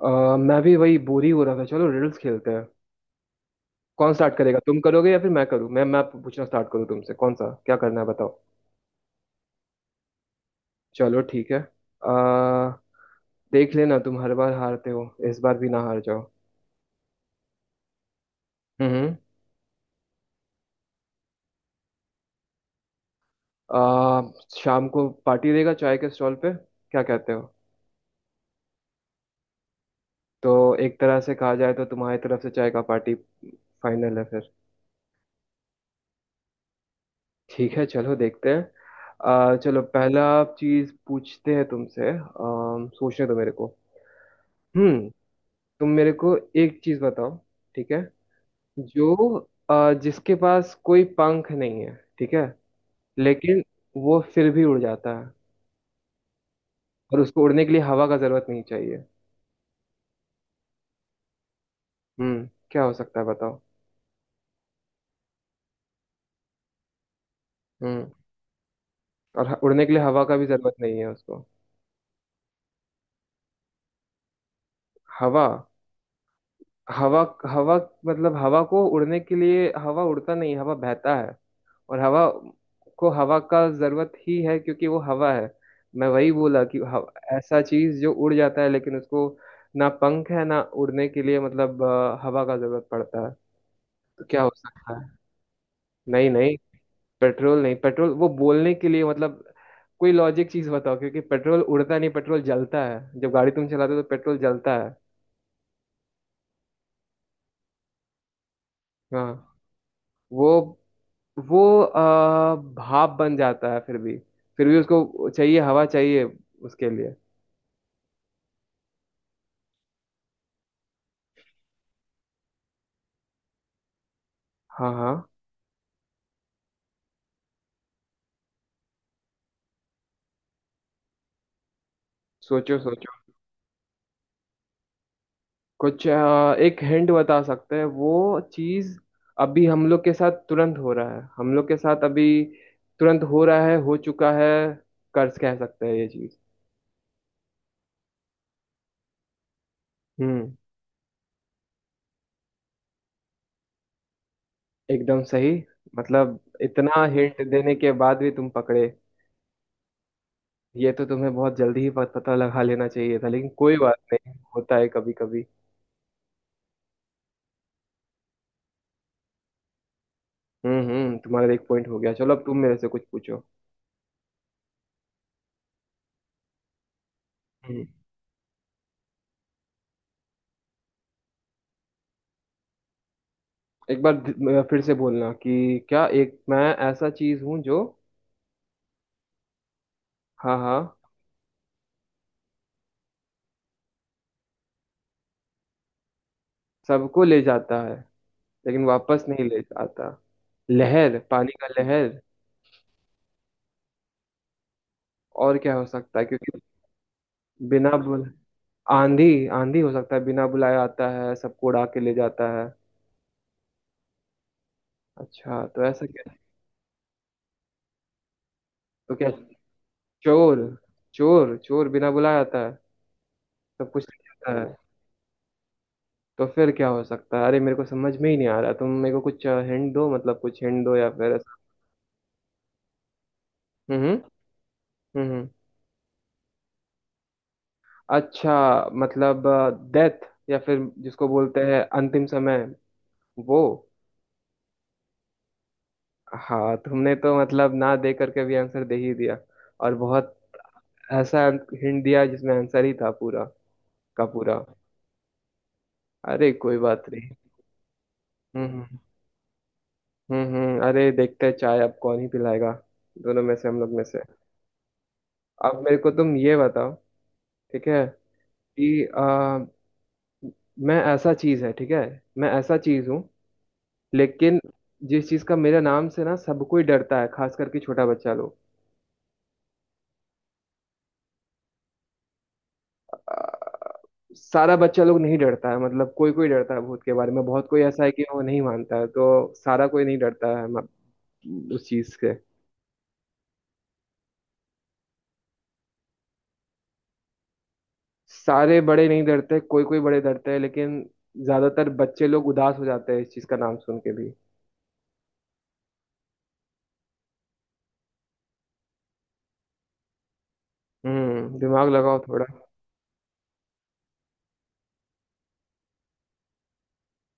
अ, मैं भी वही बोर ही हो रहा था। चलो रिडल्स खेलते हैं। कौन स्टार्ट करेगा, तुम करोगे या फिर मैं करूँ? मैं पूछना स्टार्ट करूँ तुमसे? कौन सा क्या करना है बताओ। चलो ठीक है। आ, देख लेना, तुम हर बार हारते हो, इस बार भी ना हार जाओ। हम्म। आ, शाम को पार्टी देगा चाय के स्टॉल पे, क्या कहते हो? तो एक तरह से कहा जाए तो तुम्हारी तरफ से चाय का पार्टी फाइनल है फिर। ठीक है चलो देखते हैं। चलो पहला चीज पूछते हैं तुमसे। सोचने दो मेरे को। हम्म। तुम मेरे को एक चीज बताओ, ठीक है। जो जिसके पास कोई पंख नहीं है ठीक है, लेकिन वो फिर भी उड़ जाता है, और उसको उड़ने के लिए हवा का जरूरत नहीं चाहिए। हम्म, क्या हो सकता है बताओ। हम्म, और उड़ने के लिए हवा का भी जरूरत नहीं है उसको। हवा, हवा, हवा? मतलब हवा को उड़ने के लिए हवा उड़ता नहीं, हवा बहता है। और हवा को हवा का जरूरत ही है क्योंकि वो हवा है। मैं वही बोला कि ऐसा चीज जो उड़ जाता है लेकिन उसको ना पंख है ना उड़ने के लिए मतलब हवा का जरूरत पड़ता है। तो क्या हो सकता है? नहीं नहीं, पेट्रोल नहीं। पेट्रोल वो बोलने के लिए, मतलब कोई लॉजिक चीज बताओ, क्योंकि पेट्रोल उड़ता नहीं, पेट्रोल जलता है, जब गाड़ी तुम चलाते हो तो पेट्रोल जलता है। हाँ, वो वो भाप बन जाता है फिर भी। फिर भी उसको चाहिए, हवा चाहिए उसके लिए। हाँ हाँ, सोचो सोचो। कुछ एक हिंट बता सकते हैं। वो चीज अभी हम लोग के साथ तुरंत हो रहा है, हम लोग के साथ अभी तुरंत हो रहा है, हो चुका है। कर्ज कह सकते हैं ये चीज। हम्म, एकदम सही। मतलब इतना हिंट देने के बाद भी तुम पकड़े। ये तो तुम्हें बहुत जल्दी ही पता लगा लेना चाहिए था, लेकिन कोई बात नहीं, होता है कभी कभी। हम्म, तुम्हारा एक पॉइंट हो गया। चलो अब तुम मेरे से कुछ पूछो। हम्म। एक बार फिर से बोलना कि क्या, एक मैं ऐसा चीज हूँ जो। हाँ हाँ, सबको ले जाता है लेकिन वापस नहीं ले जाता। लहर, पानी का लहर। और क्या हो सकता है, क्योंकि बिना बुल आंधी। आंधी हो सकता है, बिना बुलाए आता है, सबको उड़ा के ले जाता है। अच्छा, तो ऐसा क्या? तो क्या, चोर? चोर, चोर बिना बुलाए आता है, सब कुछ ले जाता है। तो फिर क्या हो सकता है? अरे मेरे को समझ में ही नहीं आ रहा, तुम मेरे को कुछ हिंट दो, मतलब कुछ हिंट दो या फिर ऐसा। हम्म। हम्म। हम्म, हम्म। अच्छा, मतलब डेथ, या फिर जिसको बोलते हैं अंतिम समय वो। हाँ तुमने तो मतलब ना दे करके भी आंसर दे ही दिया। और बहुत ऐसा हिंट दिया जिसमें आंसर ही था पूरा का पूरा। अरे कोई बात नहीं। हम्म। अरे देखते हैं चाय अब कौन ही पिलाएगा, दोनों में से, हम लोग में से। अब मेरे को तुम ये बताओ, ठीक है, कि आ, मैं ऐसा चीज है, ठीक है, मैं ऐसा चीज हूँ, लेकिन जिस चीज का मेरे नाम से ना सब कोई डरता है, खास करके छोटा बच्चा लोग। सारा बच्चा लोग नहीं डरता है मतलब, कोई कोई डरता है भूत के बारे में, बहुत कोई ऐसा है कि वो नहीं मानता है तो सारा कोई नहीं डरता है उस चीज के। सारे बड़े नहीं डरते, कोई कोई बड़े डरते हैं, लेकिन ज्यादातर बच्चे लोग उदास हो जाते हैं इस चीज का नाम सुन के भी। हम्म, दिमाग लगाओ थोड़ा।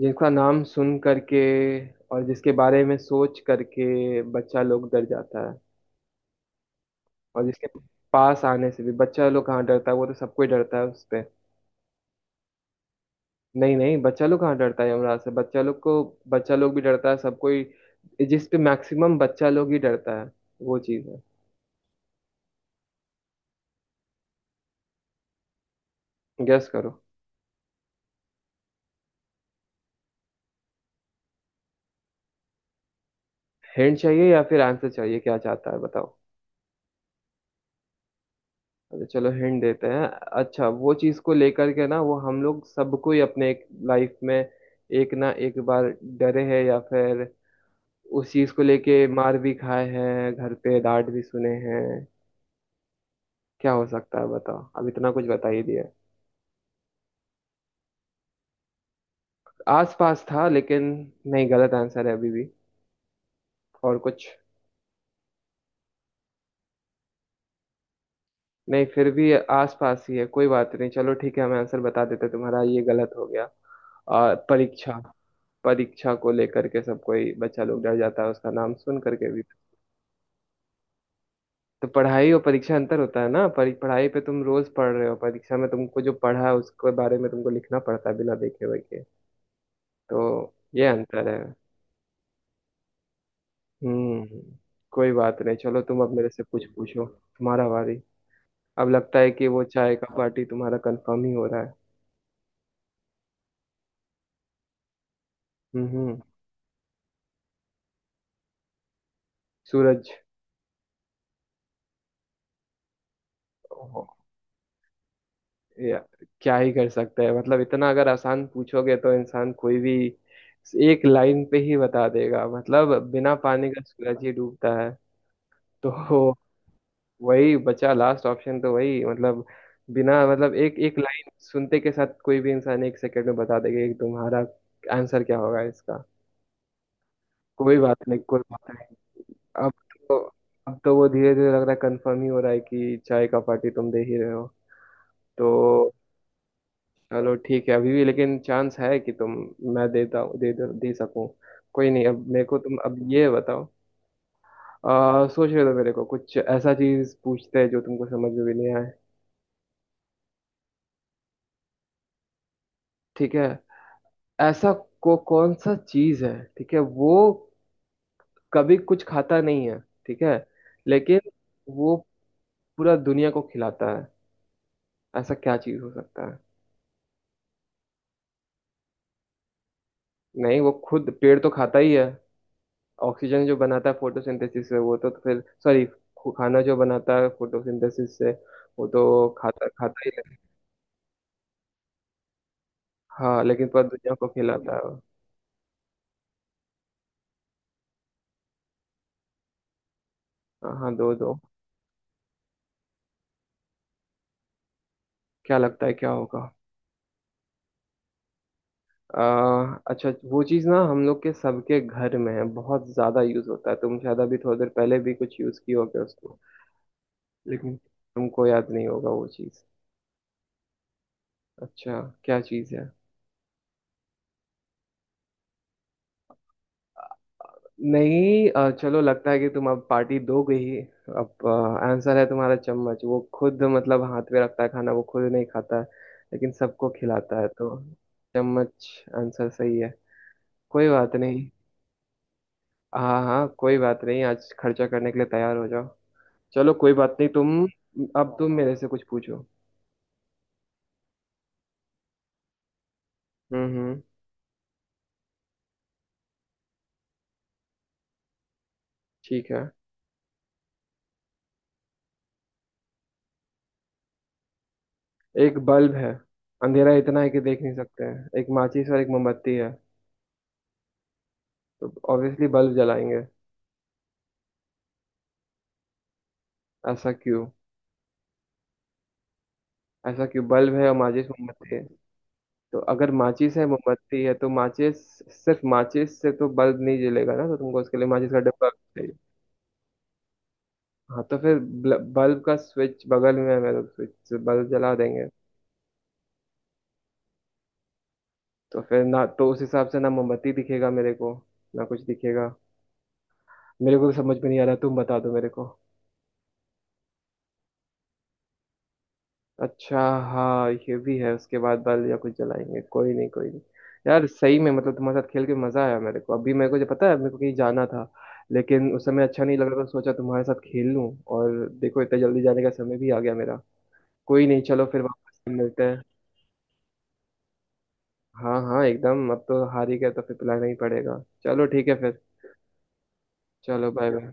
जिसका नाम सुन करके और जिसके बारे में सोच करके बच्चा लोग डर जाता है, और जिसके पास आने से भी बच्चा लोग कहाँ डरता है, वो तो सबको ही डरता है उसपे। नहीं नहीं, बच्चा लोग कहाँ डरता है यमराज से, बच्चा लोग को बच्चा लोग भी डरता है सब कोई, जिस पे मैक्सिमम बच्चा लोग ही डरता है वो चीज़ है। गेस करो। हिंट चाहिए या फिर आंसर चाहिए, क्या चाहता है बताओ। अच्छा चलो हिंट देते हैं। अच्छा, वो चीज़ को लेकर के ना, वो हम लोग सबको ही अपने एक लाइफ में एक ना एक बार डरे हैं, या फिर उस चीज़ को लेके मार भी खाए हैं, घर पे डांट भी सुने हैं। क्या हो सकता है बताओ, अब इतना कुछ बता ही दिया। आस पास था लेकिन नहीं, गलत आंसर है अभी भी। और कुछ? नहीं, फिर भी आस पास ही है, कोई बात नहीं, चलो ठीक है हम आंसर बता देते, तुम्हारा ये गलत हो गया। परीक्षा। परीक्षा को लेकर के सब कोई बच्चा लोग डर जाता है उसका नाम सुन करके भी। तो पढ़ाई और परीक्षा अंतर होता है ना, पढ़ाई पे तुम रोज पढ़ रहे हो, परीक्षा में तुमको जो पढ़ा है उसके बारे में तुमको लिखना पड़ता है बिना देखे हुए के। तो ये अंतर है। हम्म, कोई बात नहीं, चलो तुम अब मेरे से कुछ पूछो, तुम्हारा बारी। अब लगता है कि वो चाय का पार्टी तुम्हारा कंफर्म ही हो रहा है। हम्म, सूरज। ओ, या, क्या ही कर सकते हैं, मतलब इतना अगर आसान पूछोगे तो इंसान कोई भी एक लाइन पे ही बता देगा, मतलब बिना पानी का सूरज ही डूबता है। तो वही बचा लास्ट ऑप्शन, तो वही मतलब, बिना मतलब एक एक लाइन सुनते के साथ कोई भी इंसान 1 सेकंड में बता देगा कि तुम्हारा आंसर क्या होगा इसका। कोई बात नहीं, कोई बात नहीं। अब तो, अब तो वो धीरे धीरे लग रहा है कंफर्म ही हो रहा है कि चाय का पार्टी तुम दे ही रहे हो। तो चलो ठीक है, अभी भी लेकिन चांस है कि तुम, मैं देता हूँ, दे दे, दे सकूँ। कोई नहीं, अब मेरे को तुम अब ये बताओ। सोच रहे हो मेरे को कुछ ऐसा चीज पूछते हैं जो तुमको समझ में भी नहीं आए। ठीक है। ऐसा को कौन सा चीज है, ठीक है, वो कभी कुछ खाता नहीं है, ठीक है, लेकिन वो पूरा दुनिया को खिलाता है, ऐसा क्या चीज हो सकता है? नहीं, वो खुद पेड़ तो खाता ही है, ऑक्सीजन जो बनाता है फोटोसिंथेसिस से वो तो फिर सॉरी। खाना जो बनाता है फोटोसिंथेसिस से वो तो खाता खाता ही है। हाँ लेकिन पर दुनिया को खिलाता है वो। हाँ हाँ, दो दो। क्या लगता है क्या होगा? अच्छा, वो चीज़ ना हम लोग के सबके घर में है, बहुत ज़्यादा यूज़ होता है, तुम शायद अभी थोड़ी देर पहले भी कुछ यूज़ किए होगे उसको। लेकिन तुमको याद नहीं होगा वो चीज़। अच्छा, क्या चीज़ है? नहीं, चलो लगता है कि तुम अब पार्टी दोगे ही। अब आंसर है तुम्हारा चम्मच, वो खुद मतलब हाथ में रखता है खाना, वो खुद नहीं खाता है लेकिन सबको खिलाता है, तो चम्मच आंसर सही है, कोई बात नहीं। हाँ हाँ, कोई बात नहीं, आज खर्चा करने के लिए तैयार हो जाओ। चलो कोई बात नहीं तुम, अब तुम मेरे से कुछ पूछो। हम्म, ठीक है। एक बल्ब है, अंधेरा इतना है कि देख नहीं सकते हैं, एक माचिस और एक मोमबत्ती है, तो ऑब्वियसली बल्ब जलाएंगे। ऐसा क्यों? ऐसा क्यों, बल्ब है और माचिस मोमबत्ती है? तो अगर माचिस है मोमबत्ती है तो माचिस, सिर्फ माचिस से तो बल्ब नहीं जलेगा ना, तो तुमको उसके लिए माचिस का डब्बा भी चाहिए। हाँ, तो फिर बल्ब का स्विच बगल में है, मैं तो स्विच से बल्ब जला देंगे। तो फिर ना, तो उस हिसाब से ना मोमबत्ती दिखेगा मेरे को, ना कुछ दिखेगा। मेरे को भी समझ में नहीं आ रहा, तुम बता दो मेरे को। अच्छा, हाँ ये भी है, उसके बाद बल या कुछ जलाएंगे, कोई नहीं कोई नहीं। यार सही में मतलब तुम्हारे साथ खेल के मजा आया मेरे को, अभी मेरे को जो पता है मेरे को कहीं जाना था, लेकिन उस समय अच्छा नहीं लग रहा था तो सोचा तुम्हारे साथ खेल लूं। और देखो इतना जल्दी जाने का समय भी आ गया मेरा। कोई नहीं चलो, फिर वापस से मिलते हैं। हाँ हाँ एकदम, अब तो हार ही गए तो फिर पिलाना ही पड़ेगा। चलो ठीक है फिर, चलो बाय बाय।